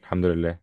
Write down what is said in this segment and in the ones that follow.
الحمد لله.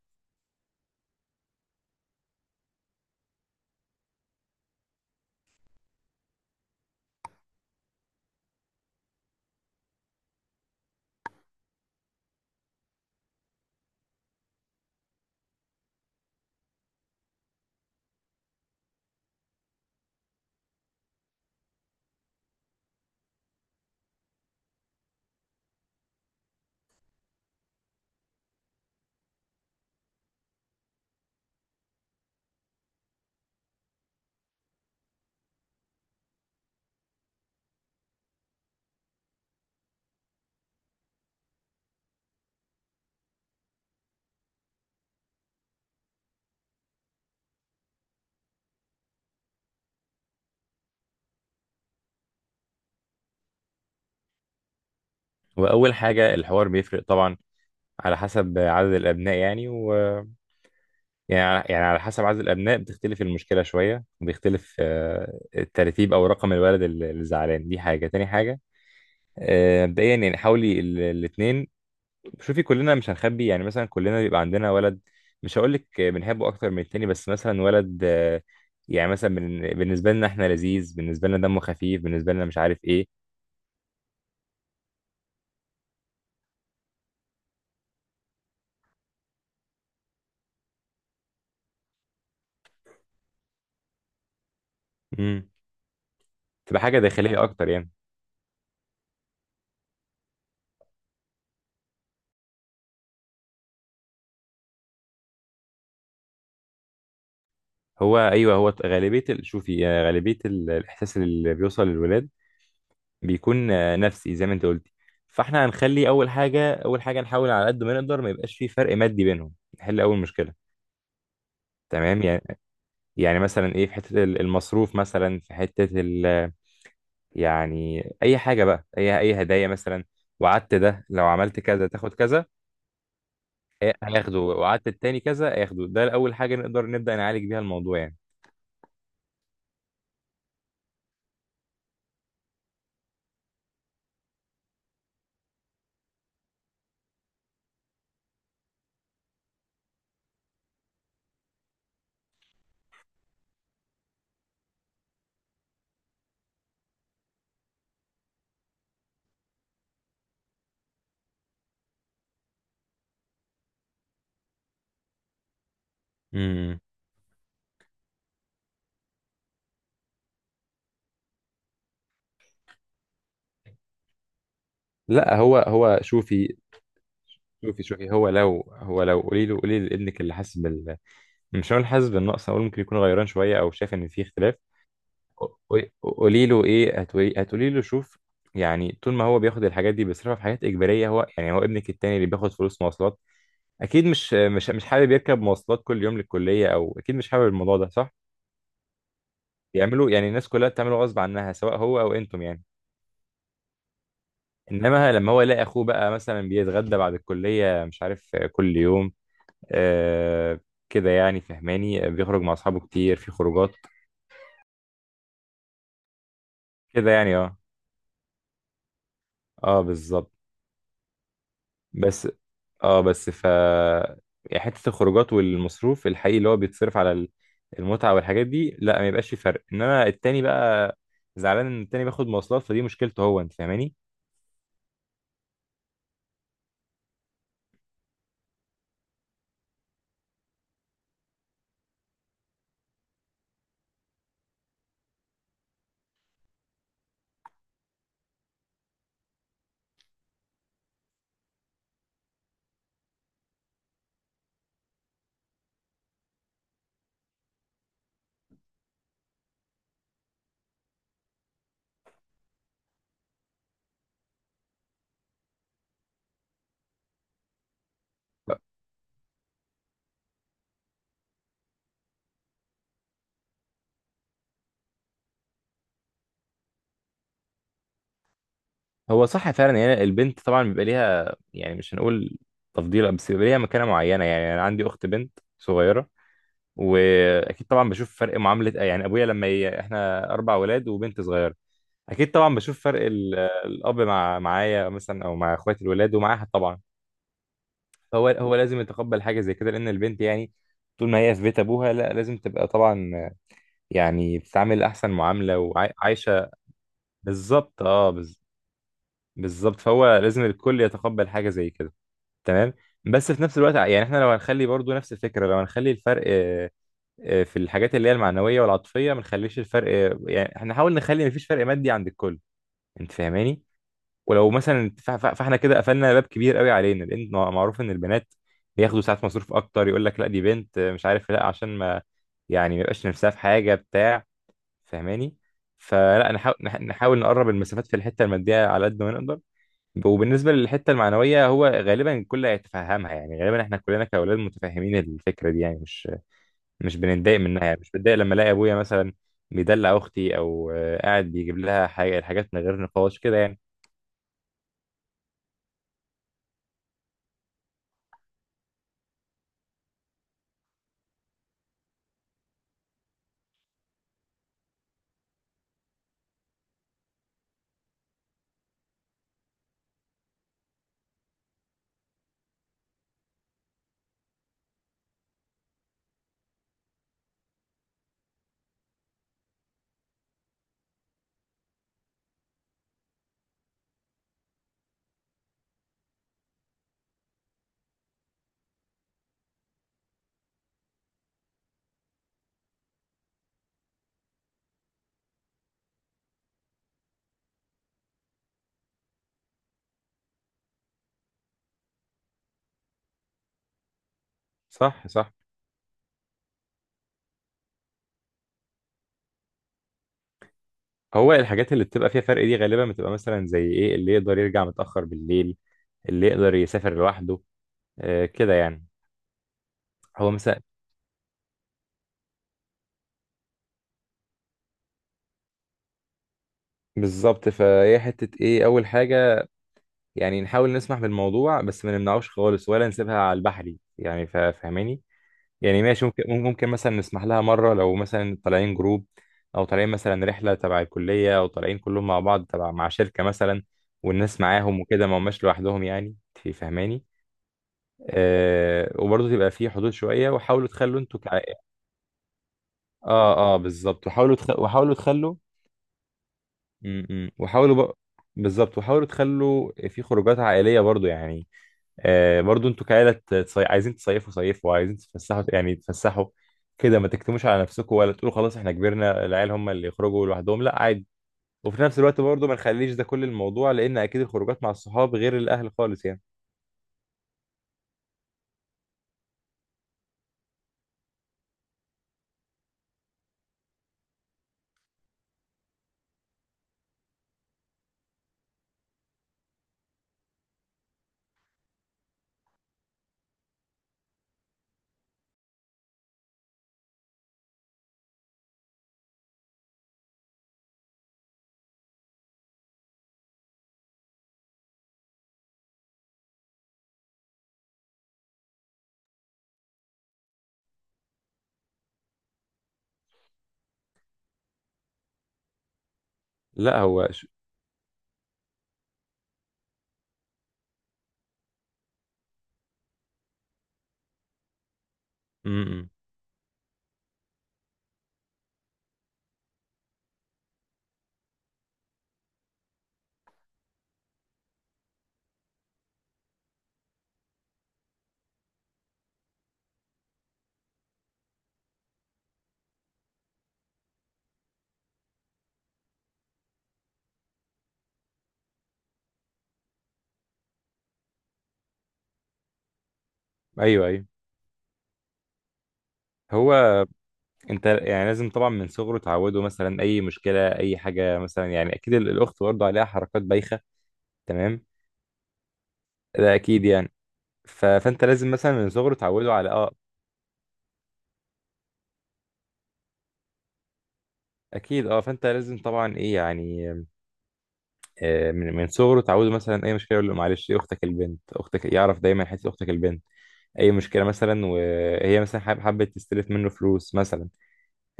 واول حاجه الحوار بيفرق طبعا على حسب عدد الابناء يعني و يعني يعني على حسب عدد الابناء بتختلف المشكله شويه وبيختلف الترتيب او رقم الولد اللي زعلان، دي حاجه. تاني حاجه مبدئيا يعني حاولي الاثنين. شوفي، كلنا مش هنخبي، يعني مثلا كلنا بيبقى عندنا ولد مش هقول لك بنحبه اكتر من التاني، بس مثلا ولد يعني مثلا بالنسبه لنا احنا لذيذ، بالنسبه لنا دمه خفيف، بالنسبه لنا مش عارف ايه. مم. تبقى حاجه داخليه اكتر يعني. هو ايوه، هو غالبيه شوفي، غالبيه الاحساس اللي بيوصل للولاد بيكون نفسي زي ما انت قلتي. فاحنا هنخلي اول حاجه، اول حاجه نحاول على قد ما نقدر ما يبقاش في فرق مادي بينهم. نحل اول مشكله، تمام يعني. يعني مثلا ايه، في حته المصروف، مثلا في حته ال يعني اي حاجه بقى، اي هدايا مثلا، وعدت ده لو عملت كذا تاخد كذا. هياخده، وعدت التاني كذا هياخده. ده اول حاجه نقدر نبدا نعالج بيها الموضوع يعني. امم لا، هو شوفي، شوفي هو لو، هو لو قولي له، قولي لابنك اللي حاسس بال، مش هقول حاسس بالنقص، اقول ممكن يكون غيران شويه او شايف ان في اختلاف. قولي، قولي له ايه، هتقولي، هتقولي له شوف، يعني طول ما هو بياخد الحاجات دي بيصرفها في حاجات اجباريه هو. يعني هو ابنك التاني اللي بياخد فلوس مواصلات اكيد مش حابب يركب مواصلات كل يوم للكليه، او اكيد مش حابب الموضوع ده، صح؟ بيعملوا يعني الناس كلها بتعمله غصب عنها سواء هو او انتم يعني. انما لما هو يلاقي اخوه بقى مثلا بيتغدى بعد الكليه مش عارف كل يوم آه كده يعني، فهماني؟ بيخرج مع اصحابه كتير في خروجات كده يعني. اه. اه بالظبط بس اه بس ف يعني حته الخروجات والمصروف الحقيقي اللي هو بيتصرف على المتعه والحاجات دي، لا ما يبقاش في فرق. انما التاني بقى زعلان ان التاني بياخد مواصلات، فدي مشكلته هو، انت فاهماني؟ هو صح فعلا، يعني البنت طبعا بيبقى ليها، يعني مش هنقول تفضيل، بس بيبقى ليها مكانه معينه. يعني انا عندي اخت بنت صغيره، واكيد طبعا بشوف فرق معامله، يعني ابويا لما احنا اربع ولاد وبنت صغيره، اكيد طبعا بشوف فرق الاب مع، معايا مثلا او مع اخواتي الولاد، ومعاها طبعا هو لازم يتقبل حاجه زي كده، لان البنت يعني طول ما هي في بيت ابوها لا لازم تبقى طبعا يعني بتتعامل احسن معامله وعايشه. بالظبط. بالظبط، فهو لازم الكل يتقبل حاجه زي كده. تمام. بس في نفس الوقت يعني احنا لو هنخلي برضو نفس الفكره، لو هنخلي الفرق في الحاجات اللي هي المعنويه والعاطفيه، ما نخليش الفرق، يعني احنا نحاول نخلي مفيش فرق مادي عند الكل، انت فاهماني؟ ولو مثلا فاحنا كده قفلنا باب كبير قوي علينا، لان معروف ان البنات بياخدوا ساعات مصروف اكتر، يقول لك لا دي بنت مش عارف لا عشان ما يعني ما يبقاش نفسها في حاجه بتاع، فاهماني؟ فلا، نحاول نحاول نقرب المسافات في الحته الماديه على قد ما نقدر. وبالنسبه للحته المعنويه هو غالبا الكل هيتفهمها، يعني غالبا احنا كلنا كاولاد متفاهمين الفكره دي يعني، مش بنتضايق منها. يعني مش بتضايق لما الاقي ابويا مثلا بيدلع اختي او قاعد بيجيب لها حاجه، الحاجات من غير نقاش كده يعني. صح، صح. هو الحاجات اللي بتبقى فيها فرق دي غالبا بتبقى مثلا زي ايه، اللي يقدر يرجع متاخر بالليل، اللي يقدر يسافر لوحده، كده يعني. هو مثلا بالظبط، فهي حته ايه، اول حاجه يعني نحاول نسمح بالموضوع، بس ما نمنعوش خالص ولا نسيبها على البحري يعني، فاهماني؟ يعني ماشي، ممكن مثلا نسمح لها مرة لو مثلا طالعين جروب، أو طالعين مثلا رحلة تبع الكلية، أو طالعين كلهم مع بعض تبع مع شركة مثلا والناس معاهم وكده، ما هماش لوحدهم يعني، في، فهماني؟ آه وبرضه تبقى في حدود شوية، وحاولوا تخلوا انتوا كعائلة، اه بالظبط. وحاولوا تخلوا، م -م. بالظبط، وحاولوا تخلوا في خروجات عائلية برضه يعني، برضو انتوا كعيلة عايزين تصيفوا صيفوا، عايزين تفسحوا يعني تفسحوا كده، ما تكتموش على نفسكم، ولا تقولوا خلاص احنا كبرنا العيال هم اللي يخرجوا لوحدهم، لا عادي. وفي نفس الوقت برضو ما نخليش ده كل الموضوع، لان اكيد الخروجات مع الصحاب غير الاهل خالص يعني. لا هو ش... م -م. ايوه، ايوه. هو انت يعني لازم طبعا من صغره تعوده مثلا اي مشكله اي حاجه، مثلا يعني اكيد الاخت برضه عليها حركات بايخه، تمام، ده اكيد يعني. فانت لازم مثلا من صغره تعوده على اه، اكيد اه. فانت لازم طبعا ايه يعني من من صغره اتعودوا مثلا اي مشكله يقول له معلش دي اختك البنت، اختك، يعرف دايما حته اختك البنت. اي مشكله مثلا وهي مثلا حابه تستلف منه فلوس مثلا،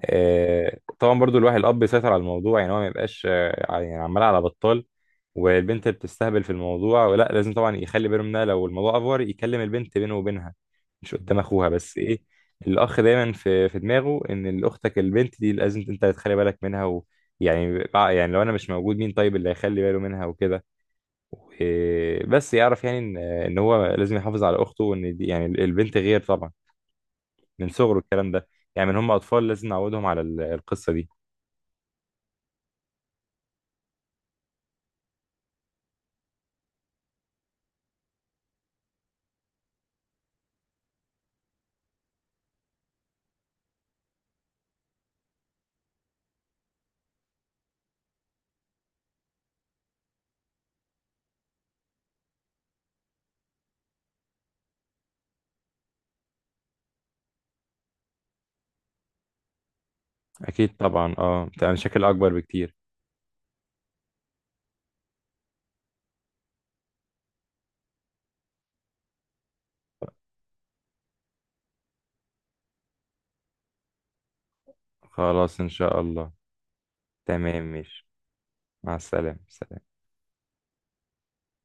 طبعا برضو الواحد الاب يسيطر على الموضوع، يعني هو ما يبقاش يعني عمال على بطال والبنت بتستهبل في الموضوع، ولا لازم طبعا يخلي باله منها. لو الموضوع افور يكلم البنت بينه وبينها مش قدام اخوها، بس ايه الاخ دايما في دماغه ان اختك البنت دي لازم انت تخلي بالك منها و، يعني يعني لو انا مش موجود، مين طيب اللي هيخلي باله منها وكده؟ وبس يعرف يعني ان هو لازم يحافظ على اخته، وان دي يعني البنت غير طبعا، من صغره الكلام ده يعني. من هم اطفال لازم نعودهم على القصه دي. اكيد طبعا اه بتبقى مشاكل اكبر بكتير. خلاص ان شاء الله. تمام ماشي، مع السلامه. سلام.